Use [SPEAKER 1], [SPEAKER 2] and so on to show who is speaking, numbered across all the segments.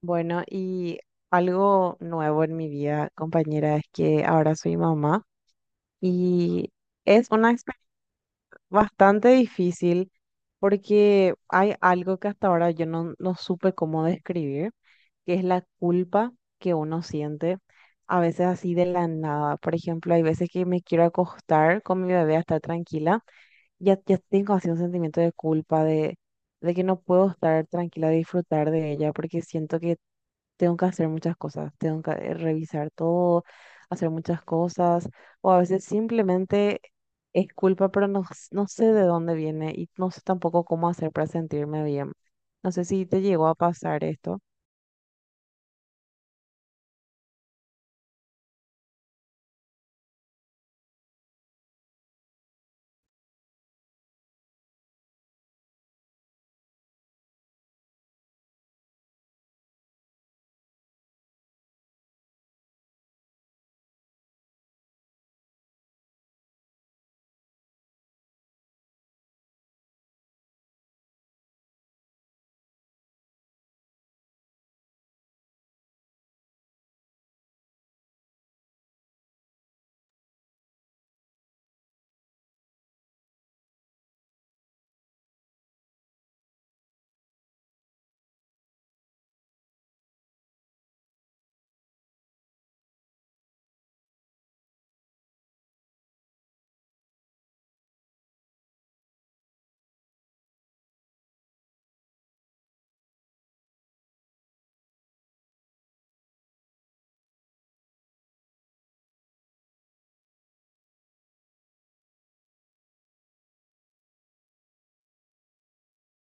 [SPEAKER 1] Bueno, y algo nuevo en mi vida, compañera, es que ahora soy mamá y es una experiencia bastante difícil porque hay algo que hasta ahora yo no supe cómo describir, que es la culpa que uno siente a veces así de la nada. Por ejemplo, hay veces que me quiero acostar con mi bebé a estar tranquila, ya tengo así un sentimiento de culpa, de que no puedo estar tranquila, disfrutar de ella porque siento que tengo que hacer muchas cosas, tengo que revisar todo, hacer muchas cosas, o a veces simplemente es culpa, pero no, no sé de dónde viene y no sé tampoco cómo hacer para sentirme bien. No sé si te llegó a pasar esto.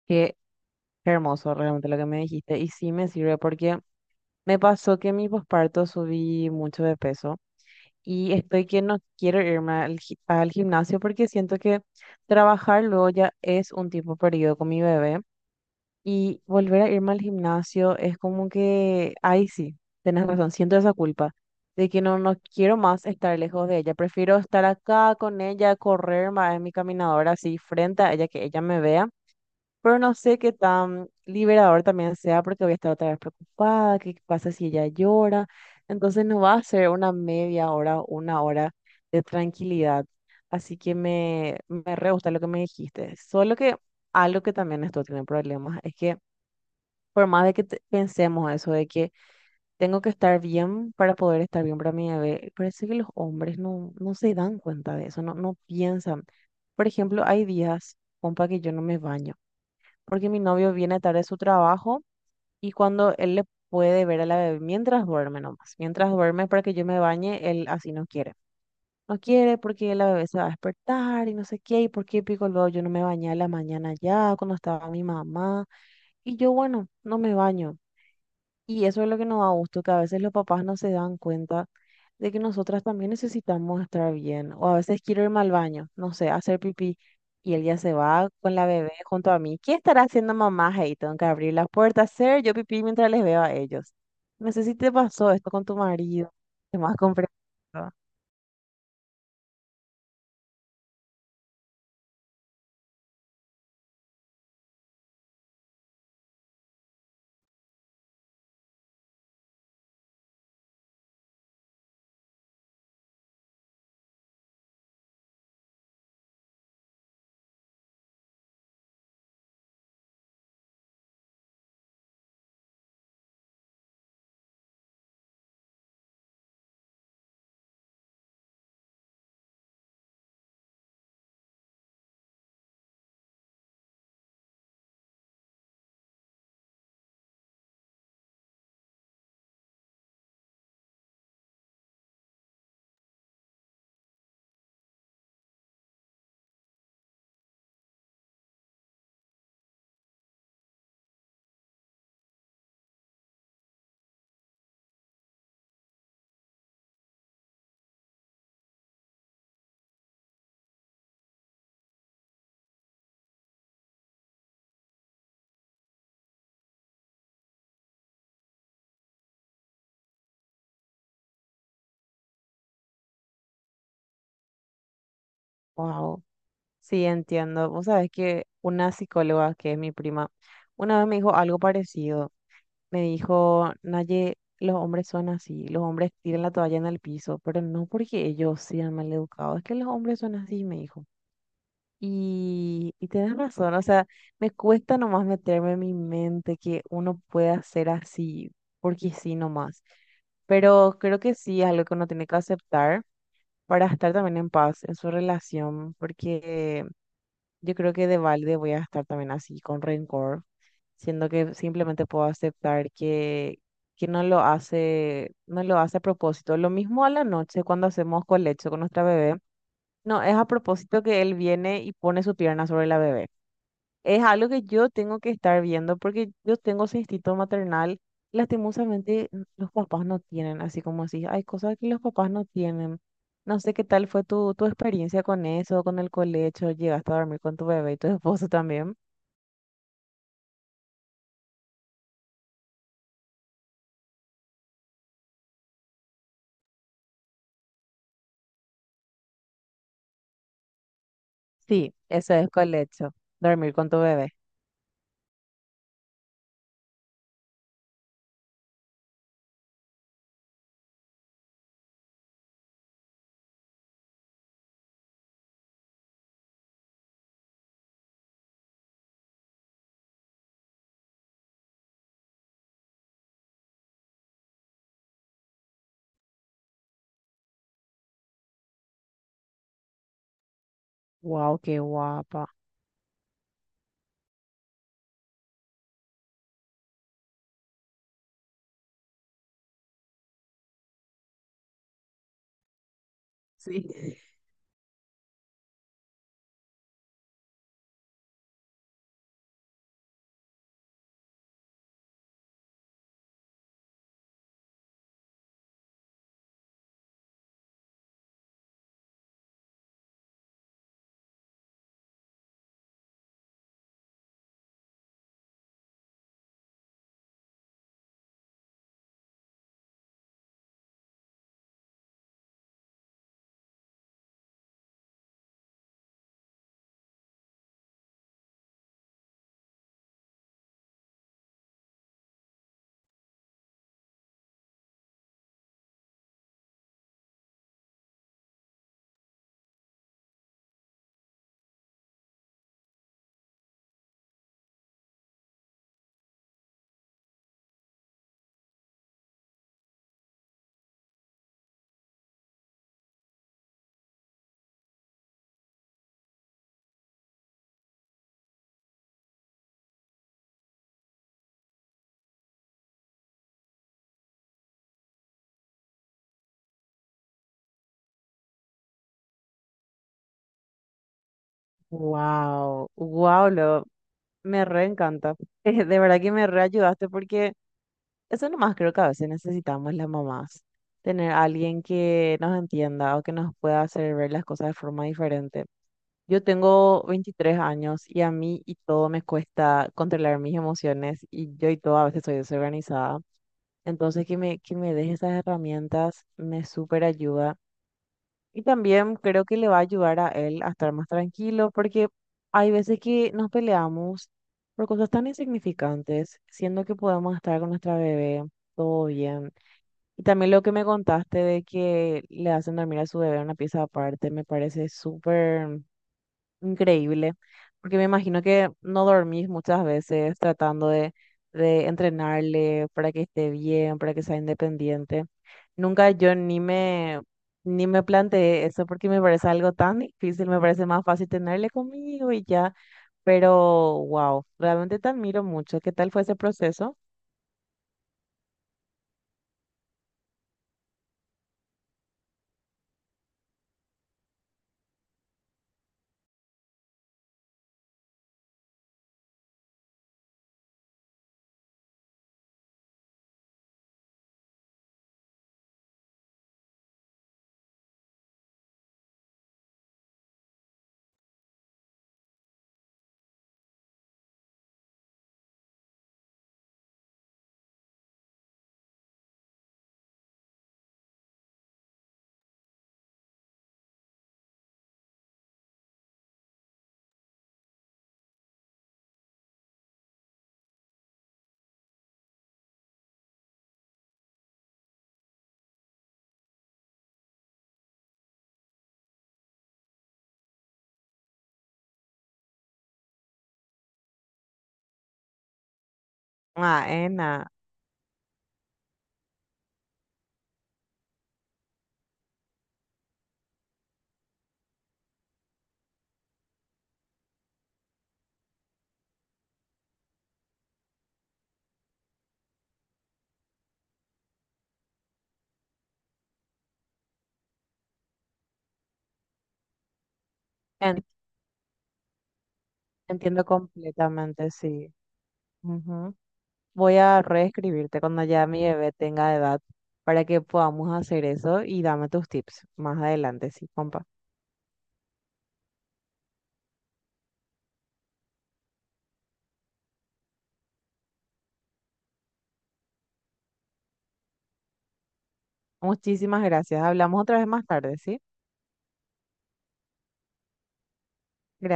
[SPEAKER 1] Qué hermoso realmente lo que me dijiste y sí me sirve porque me pasó que en mi posparto subí mucho de peso. Y estoy que no quiero irme al gimnasio porque siento que trabajar luego ya es un tiempo perdido con mi bebé. Y volver a irme al gimnasio es como que, ay sí, tenés razón, siento esa culpa de que no quiero más estar lejos de ella. Prefiero estar acá con ella, correr más en mi caminadora así frente a ella, que ella me vea, pero no sé qué tan liberador también sea porque voy a estar otra vez preocupada, qué pasa si ella llora. Entonces no va a ser una media hora, una hora de tranquilidad. Así que me re gusta lo que me dijiste. Solo que algo que también esto tiene problemas es que por más de que pensemos eso de que tengo que estar bien para poder estar bien para mi bebé, parece que los hombres no se dan cuenta de eso, no piensan. Por ejemplo, hay días, compa, que yo no me baño porque mi novio viene tarde de su trabajo y cuando él le puede ver a la bebé mientras duerme nomás, mientras duerme para que yo me bañe, él así no quiere. No quiere porque la bebé se va a despertar y no sé qué, y por qué pico luego yo no me bañé a la mañana ya cuando estaba mi mamá. Y yo, bueno, no me baño. Y eso es lo que nos da gusto, que a veces los papás no se dan cuenta de que nosotras también necesitamos estar bien. O a veces quiero irme al baño, no sé, a hacer pipí. Y él ya se va con la bebé junto a mí. ¿Qué estará haciendo mamá? Hey, tengo que abrir las puertas, hacer yo pipí mientras les veo a ellos. No sé si te pasó esto con tu marido, que más comprensivo. Wow, sí, entiendo. Vos sabés que una psicóloga, que es mi prima, una vez me dijo algo parecido. Me dijo, Naye, los hombres son así, los hombres tiran la toalla en el piso, pero no porque ellos sean maleducados, es que los hombres son así, me dijo. Y tenés razón, o sea, me cuesta nomás meterme en mi mente que uno pueda ser así, porque sí nomás. Pero creo que sí es algo que uno tiene que aceptar para estar también en paz en su relación, porque yo creo que de balde voy a estar también así con rencor, siendo que simplemente puedo aceptar que no lo hace, no lo hace a propósito. Lo mismo a la noche cuando hacemos colecho con nuestra bebé. No, es a propósito que él viene y pone su pierna sobre la bebé. Es algo que yo tengo que estar viendo porque yo tengo ese instinto maternal. Lastimosamente, los papás no tienen, así como así. Hay cosas que los papás no tienen. No sé qué tal fue tu experiencia con eso, con el colecho. ¿Llegaste a dormir con tu bebé y tu esposo también? Sí, eso es colecho, dormir con tu bebé. Wow, qué guapa. Sí. Wow, me re encanta. De verdad que me re ayudaste porque eso nomás creo que a veces necesitamos las mamás, tener a alguien que nos entienda o que nos pueda hacer ver las cosas de forma diferente. Yo tengo 23 años y a mí y todo me cuesta controlar mis emociones y yo y todo a veces soy desorganizada. Entonces que me deje esas herramientas me súper ayuda. Y también creo que le va a ayudar a él a estar más tranquilo porque hay veces que nos peleamos por cosas tan insignificantes, siendo que podemos estar con nuestra bebé todo bien. Y también lo que me contaste de que le hacen dormir a su bebé en una pieza aparte, me parece súper increíble, porque me imagino que no dormís muchas veces tratando de entrenarle para que esté bien, para que sea independiente. Nunca yo ni me planteé eso porque me parece algo tan difícil, me parece más fácil tenerle conmigo y ya, pero wow, realmente te admiro mucho. ¿Qué tal fue ese proceso? Ah, Ena, en- entiendo completamente, sí. Ujú. Voy a reescribirte cuando ya mi bebé tenga edad para que podamos hacer eso y dame tus tips más adelante, sí, compa. Muchísimas gracias. Hablamos otra vez más tarde, ¿sí?